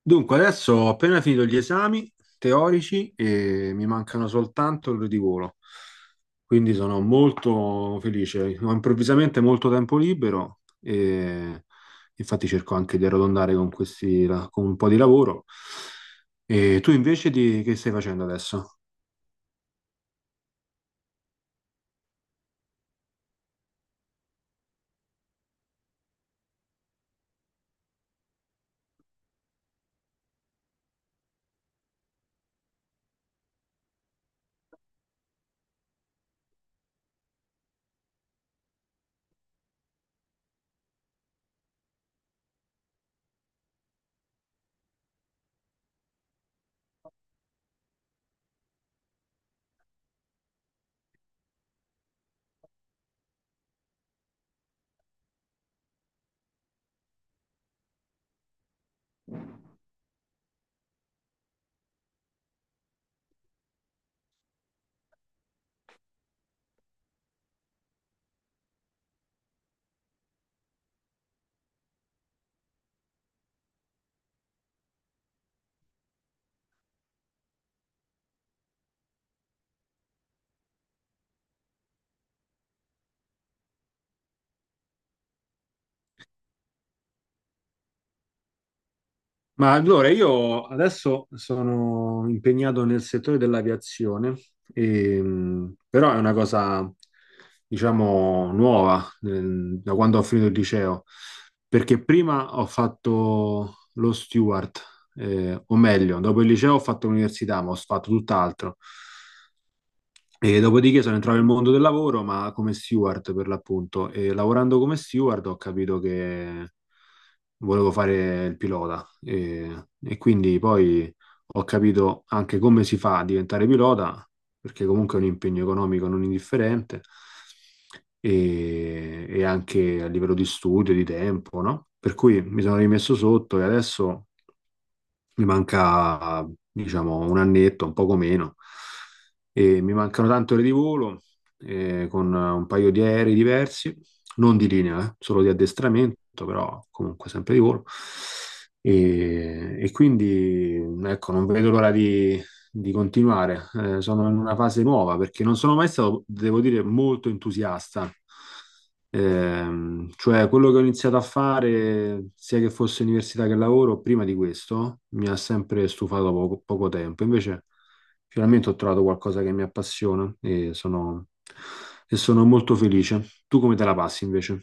Dunque, adesso ho appena finito gli esami teorici e mi mancano soltanto quelli di volo, quindi sono molto felice. Ho improvvisamente molto tempo libero e infatti cerco anche di arrotondare con un po' di lavoro. E tu invece che stai facendo adesso? Ma allora io adesso sono impegnato nel settore dell'aviazione, però è una cosa, diciamo, nuova, da quando ho finito il liceo, perché prima ho fatto lo steward, o meglio, dopo il liceo ho fatto l'università, ma ho fatto tutt'altro. E dopodiché sono entrato nel mondo del lavoro, ma come steward per l'appunto. E lavorando come steward ho capito che volevo fare il pilota. E quindi poi ho capito anche come si fa a diventare pilota, perché comunque è un impegno economico non indifferente, e anche a livello di studio, di tempo, no? Per cui mi sono rimesso sotto e adesso mi manca, diciamo, un annetto, un poco meno, e mi mancano tante ore di volo, con un paio di aerei diversi, non di linea, solo di addestramento, però comunque sempre di volo. E quindi, ecco, non vedo l'ora di, continuare. Sono in una fase nuova perché non sono mai stato, devo dire, molto entusiasta. Cioè, quello che ho iniziato a fare, sia che fosse università che lavoro, prima di questo, mi ha sempre stufato poco, poco tempo. Invece, finalmente ho trovato qualcosa che mi appassiona e sono molto felice. Tu come te la passi invece?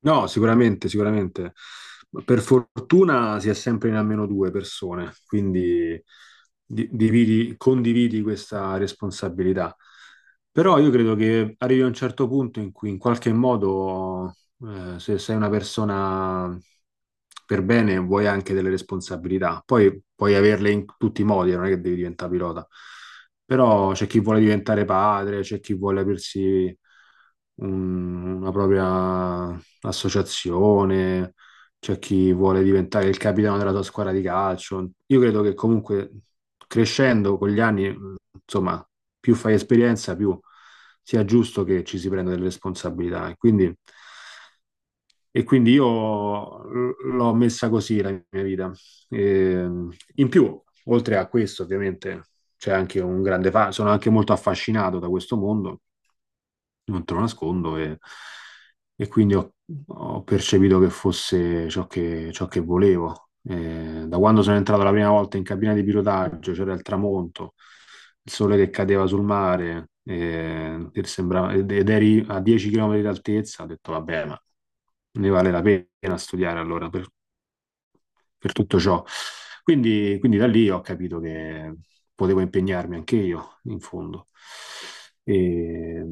No, sicuramente, sicuramente. Ma per fortuna si è sempre in almeno due persone, quindi condividi questa responsabilità. Però io credo che arrivi a un certo punto in cui in qualche modo, se sei una persona per bene, vuoi anche delle responsabilità. Poi puoi averle in tutti i modi, non è che devi diventare pilota. Però c'è chi vuole diventare padre, c'è chi vuole aprirsi una propria associazione, c'è chi vuole diventare il capitano della sua squadra di calcio. Io credo che comunque crescendo con gli anni, insomma, più fai esperienza, più sia giusto che ci si prenda delle responsabilità. E quindi io l'ho messa così la mia vita. E, in più, oltre a questo, ovviamente, c'è anche un grande fa- sono anche molto affascinato da questo mondo non te lo nascondo, e quindi ho, percepito che fosse ciò che volevo. Da quando sono entrato la prima volta in cabina di pilotaggio, c'era il tramonto, il sole che cadeva sul mare, ed eri a 10 km d'altezza, ho detto, vabbè, ma ne vale la pena studiare allora. Per tutto ciò. Quindi da lì ho capito che potevo impegnarmi anche io, in fondo, e,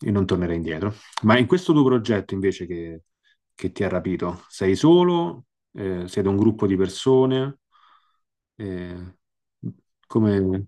e non tornerei indietro. Ma in questo tuo progetto invece che ti ha rapito, sei solo? Siete un gruppo di persone? Eh, come.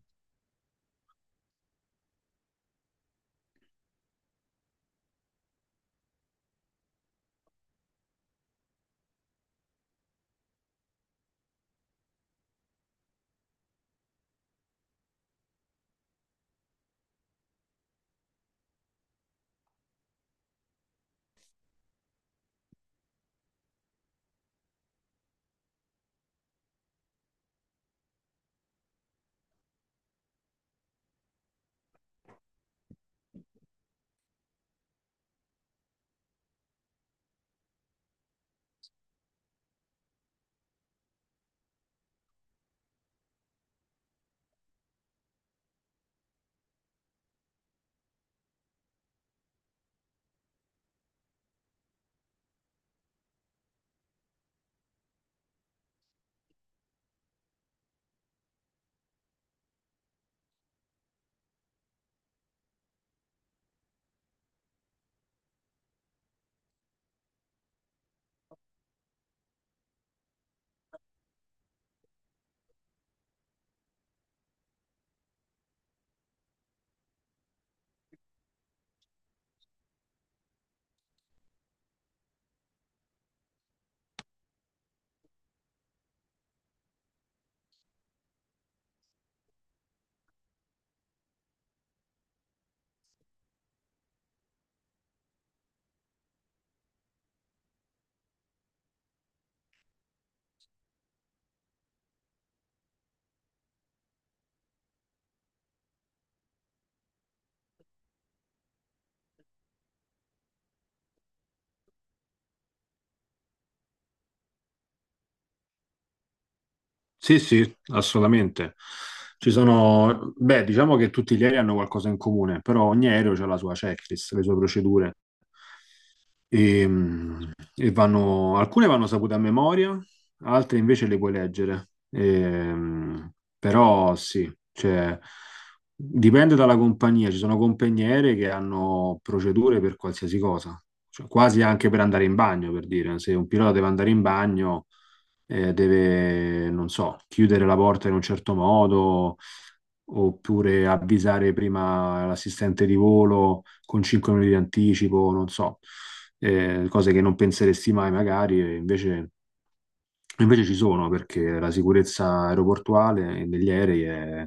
Sì, sì, assolutamente. Ci sono, beh, diciamo che tutti gli aerei hanno qualcosa in comune, però ogni aereo ha la sua checklist, le sue procedure. E vanno, alcune vanno sapute a memoria, altre invece le puoi leggere. E, però sì, cioè, dipende dalla compagnia. Ci sono compagniere che hanno procedure per qualsiasi cosa. Cioè, quasi anche per andare in bagno, per dire. Se un pilota deve andare in bagno, deve, non so, chiudere la porta in un certo modo oppure avvisare prima l'assistente di volo con 5 minuti di anticipo, non so, cose che non penseresti mai magari, e invece ci sono perché la sicurezza aeroportuale e negli aerei è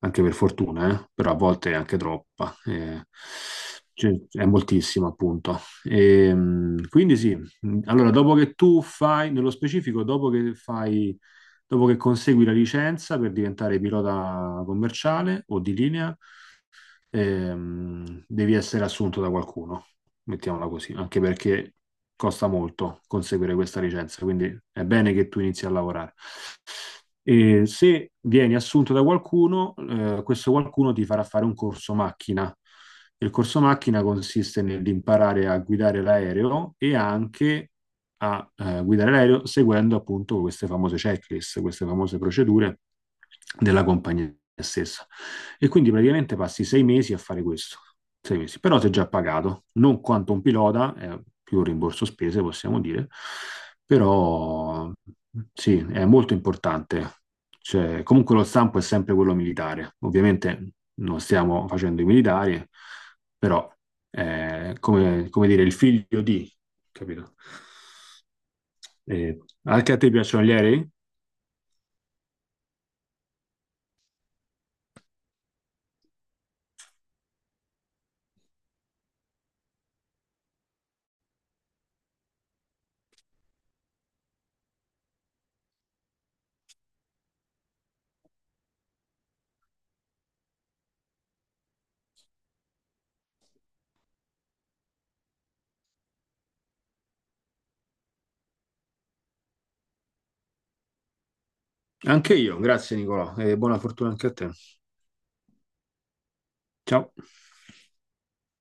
anche per fortuna, però a volte è anche troppa, cioè, è moltissima appunto. E, quindi sì, allora dopo che tu fai, nello specifico, dopo che fai, dopo che consegui la licenza per diventare pilota commerciale o di linea, devi essere assunto da qualcuno, mettiamola così, anche perché costa molto conseguire questa licenza, quindi è bene che tu inizi a lavorare. E se vieni assunto da qualcuno, questo qualcuno ti farà fare un corso macchina. Il corso macchina consiste nell'imparare a guidare l'aereo e anche a guidare l'aereo seguendo appunto queste famose checklist, queste famose procedure della compagnia stessa. E quindi praticamente passi 6 mesi a fare questo, 6 mesi, però sei già pagato, non quanto un pilota, è più un rimborso spese possiamo dire, però sì, è molto importante. Cioè, comunque lo stampo è sempre quello militare, ovviamente non stiamo facendo i militari, però come dire, il figlio di, capito? Eh, anche a te piacciono gli aerei? Anche io, grazie Nicolò, e buona fortuna anche a te. Ciao.